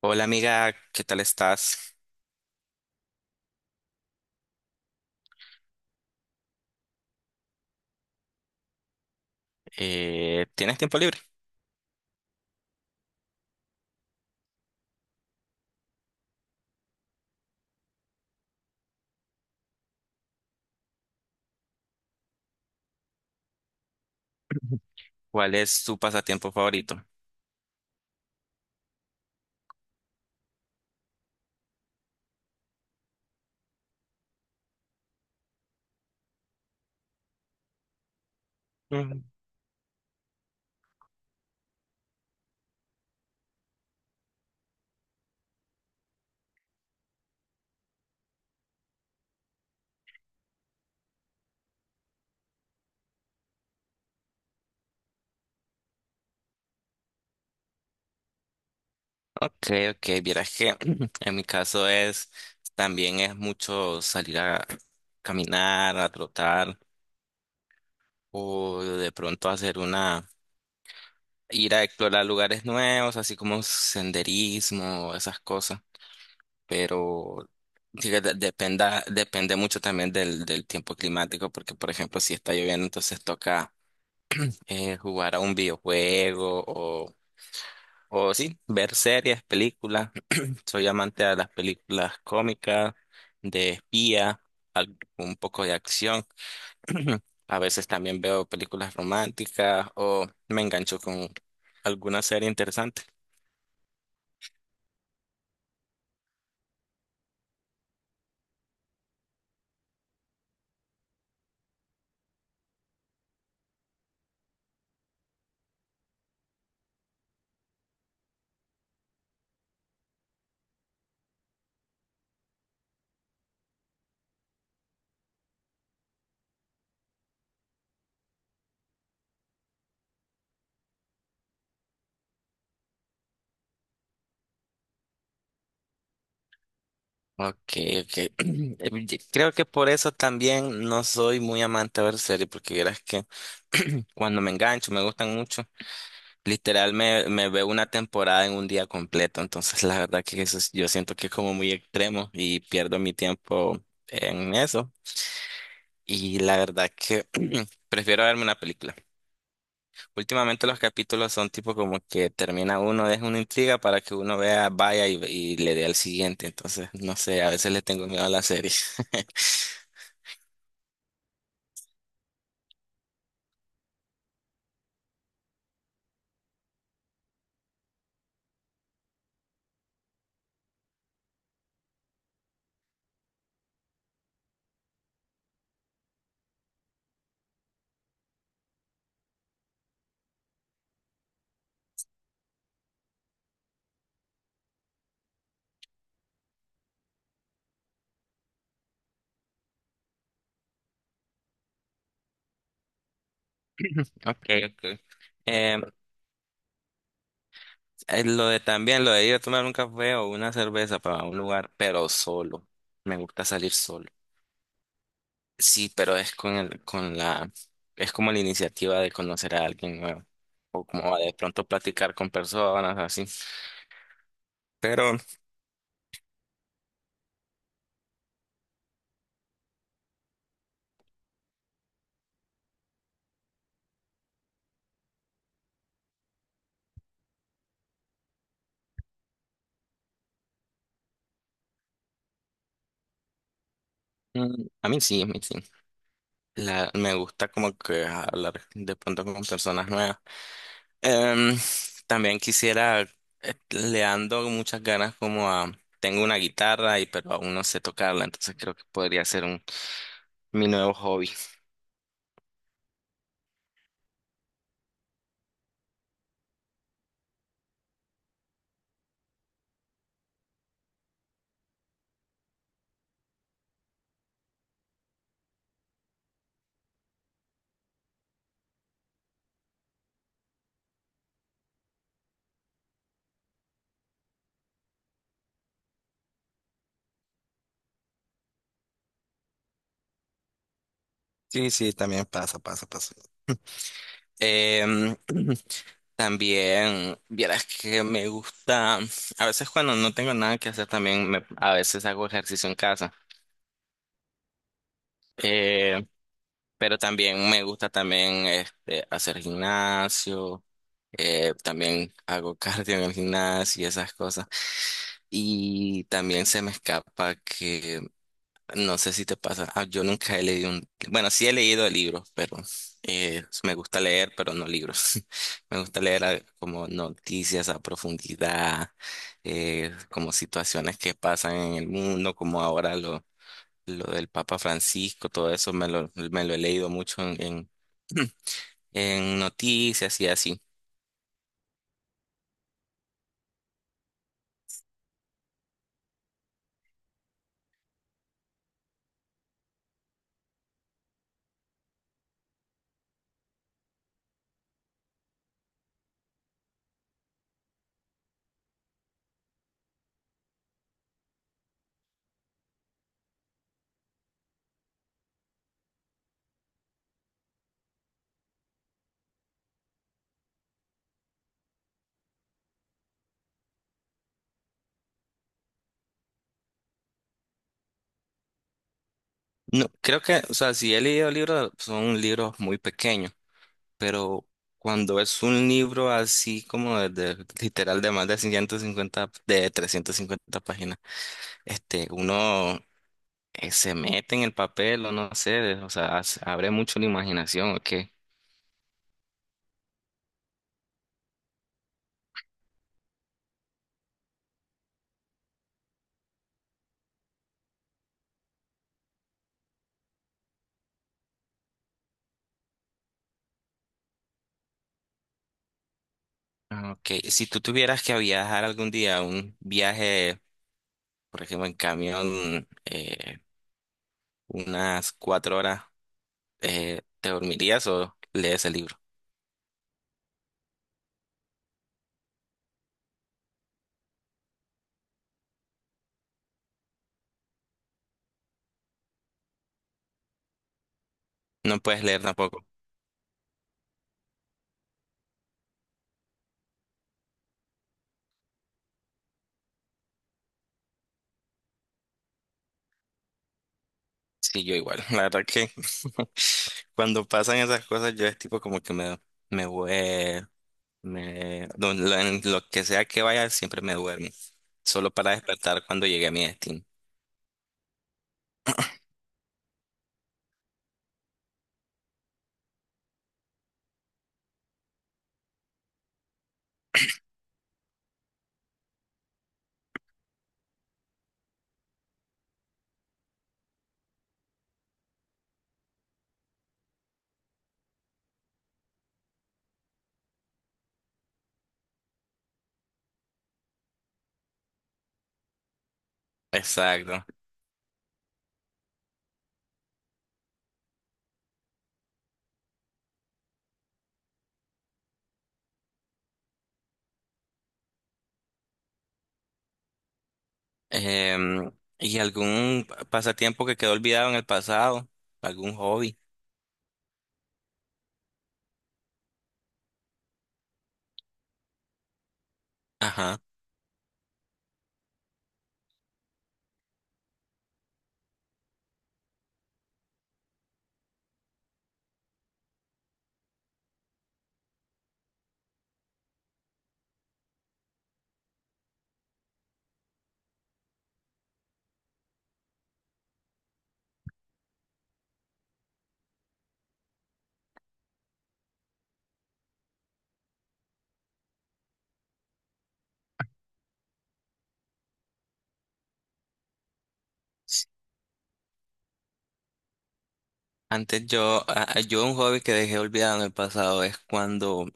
Hola amiga, ¿qué tal estás? ¿Tienes tiempo libre? ¿Cuál es tu pasatiempo favorito? Mm. Ok, ok, vieras que en mi caso es, también es mucho salir a caminar, a trotar o de pronto hacer una ir a explorar lugares nuevos, así como senderismo, esas cosas, pero sí que depende mucho también del tiempo climático, porque por ejemplo, si está lloviendo, entonces toca jugar a un videojuego o sí, ver series, películas. Soy amante de las películas cómicas, de espía, un poco de acción. A veces también veo películas románticas o me engancho con alguna serie interesante. Okay, okay. Creo que por eso también no soy muy amante de ver series, porque verás que cuando me engancho, me gustan mucho, literal me veo una temporada en un día completo, entonces la verdad que yo siento que es como muy extremo y pierdo mi tiempo en eso. Y la verdad que prefiero verme una película. Últimamente los capítulos son tipo como que termina uno, deja una intriga para que uno vea, vaya y le dé al siguiente. Entonces, no sé, a veces le tengo miedo a la serie. Okay, okay. Em, lo de también, lo de ir a tomar un café o una cerveza para un lugar, pero solo. Me gusta salir solo. Sí, pero es con con la, es como la iniciativa de conocer a alguien nuevo. O como de pronto platicar con personas así. Pero mm, a mí sí, a mí sí. La, me gusta como que hablar de pronto con personas nuevas. Em, también quisiera, le ando muchas ganas como a, tengo una guitarra y pero aún no sé tocarla, entonces creo que podría ser mi nuevo hobby. Sí, sí, también pasa, pasa, pasa. Em, también, vieras que me gusta, a veces cuando no tengo nada que hacer también, a veces hago ejercicio en casa. Eh, pero también me gusta también este, hacer gimnasio, también hago cardio en el gimnasio y esas cosas. Y también se me escapa no sé si te pasa, yo nunca he bueno, sí he leído libros, pero me gusta leer, pero no libros. Me gusta leer como noticias a profundidad, como situaciones que pasan en el mundo, como ahora lo del Papa Francisco, todo eso me me lo he leído mucho en noticias y así. No, creo que, o sea, si he leído libros, son libros muy pequeños, pero cuando es un libro así como literal de más de 150, de 350 páginas, este, uno se mete en el papel o no sé, o sea, abre mucho la imaginación, ¿o qué? Ah, ok, si tú tuvieras que viajar algún día, un viaje, por ejemplo, en camión, unas cuatro horas, ¿te dormirías o lees el libro? No puedes leer tampoco. Sí, yo igual. La verdad que cuando pasan esas cosas, yo es tipo como que me, voy me, lo- en lo que sea que vaya, siempre me duermo. Solo para despertar cuando llegue a mi destino. Exacto. Em, ¿Y algún pasatiempo que quedó olvidado en el pasado? ¿Algún hobby? Ajá. Antes yo un hobby que dejé olvidado en el pasado es cuando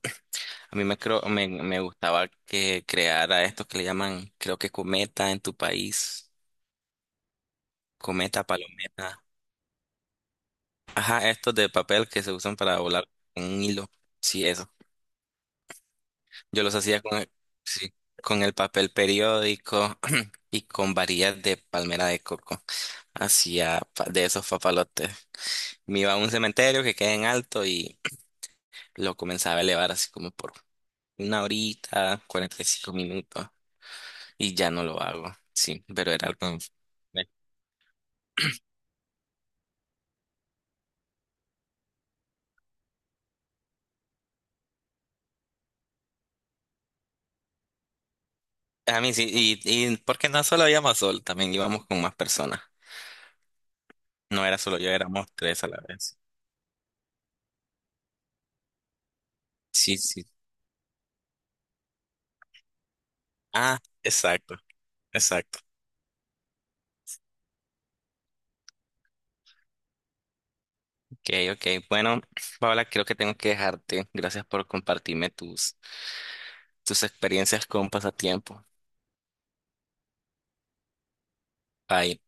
a mí me, creo, me gustaba que creara estos que le llaman, creo que cometa en tu país. Cometa, palometa. Ajá, estos de papel que se usan para volar con un hilo. Sí, eso. Yo los hacía con sí, con el papel periódico y con varillas de palmera de coco. De esos papalotes. Me iba a un cementerio que queda en alto y lo comenzaba a elevar así como por una horita, 45 minutos. Y ya no lo hago. Sí, pero era algo. A mí sí, y porque no solo íbamos sol, también íbamos con más personas. No era solo yo, éramos tres a la vez. Sí, sí. Ah, exacto, exacto. Ok, ok. Bueno, Paola, creo que tengo que dejarte. Gracias por compartirme tus, tus experiencias con pasatiempo. Bye.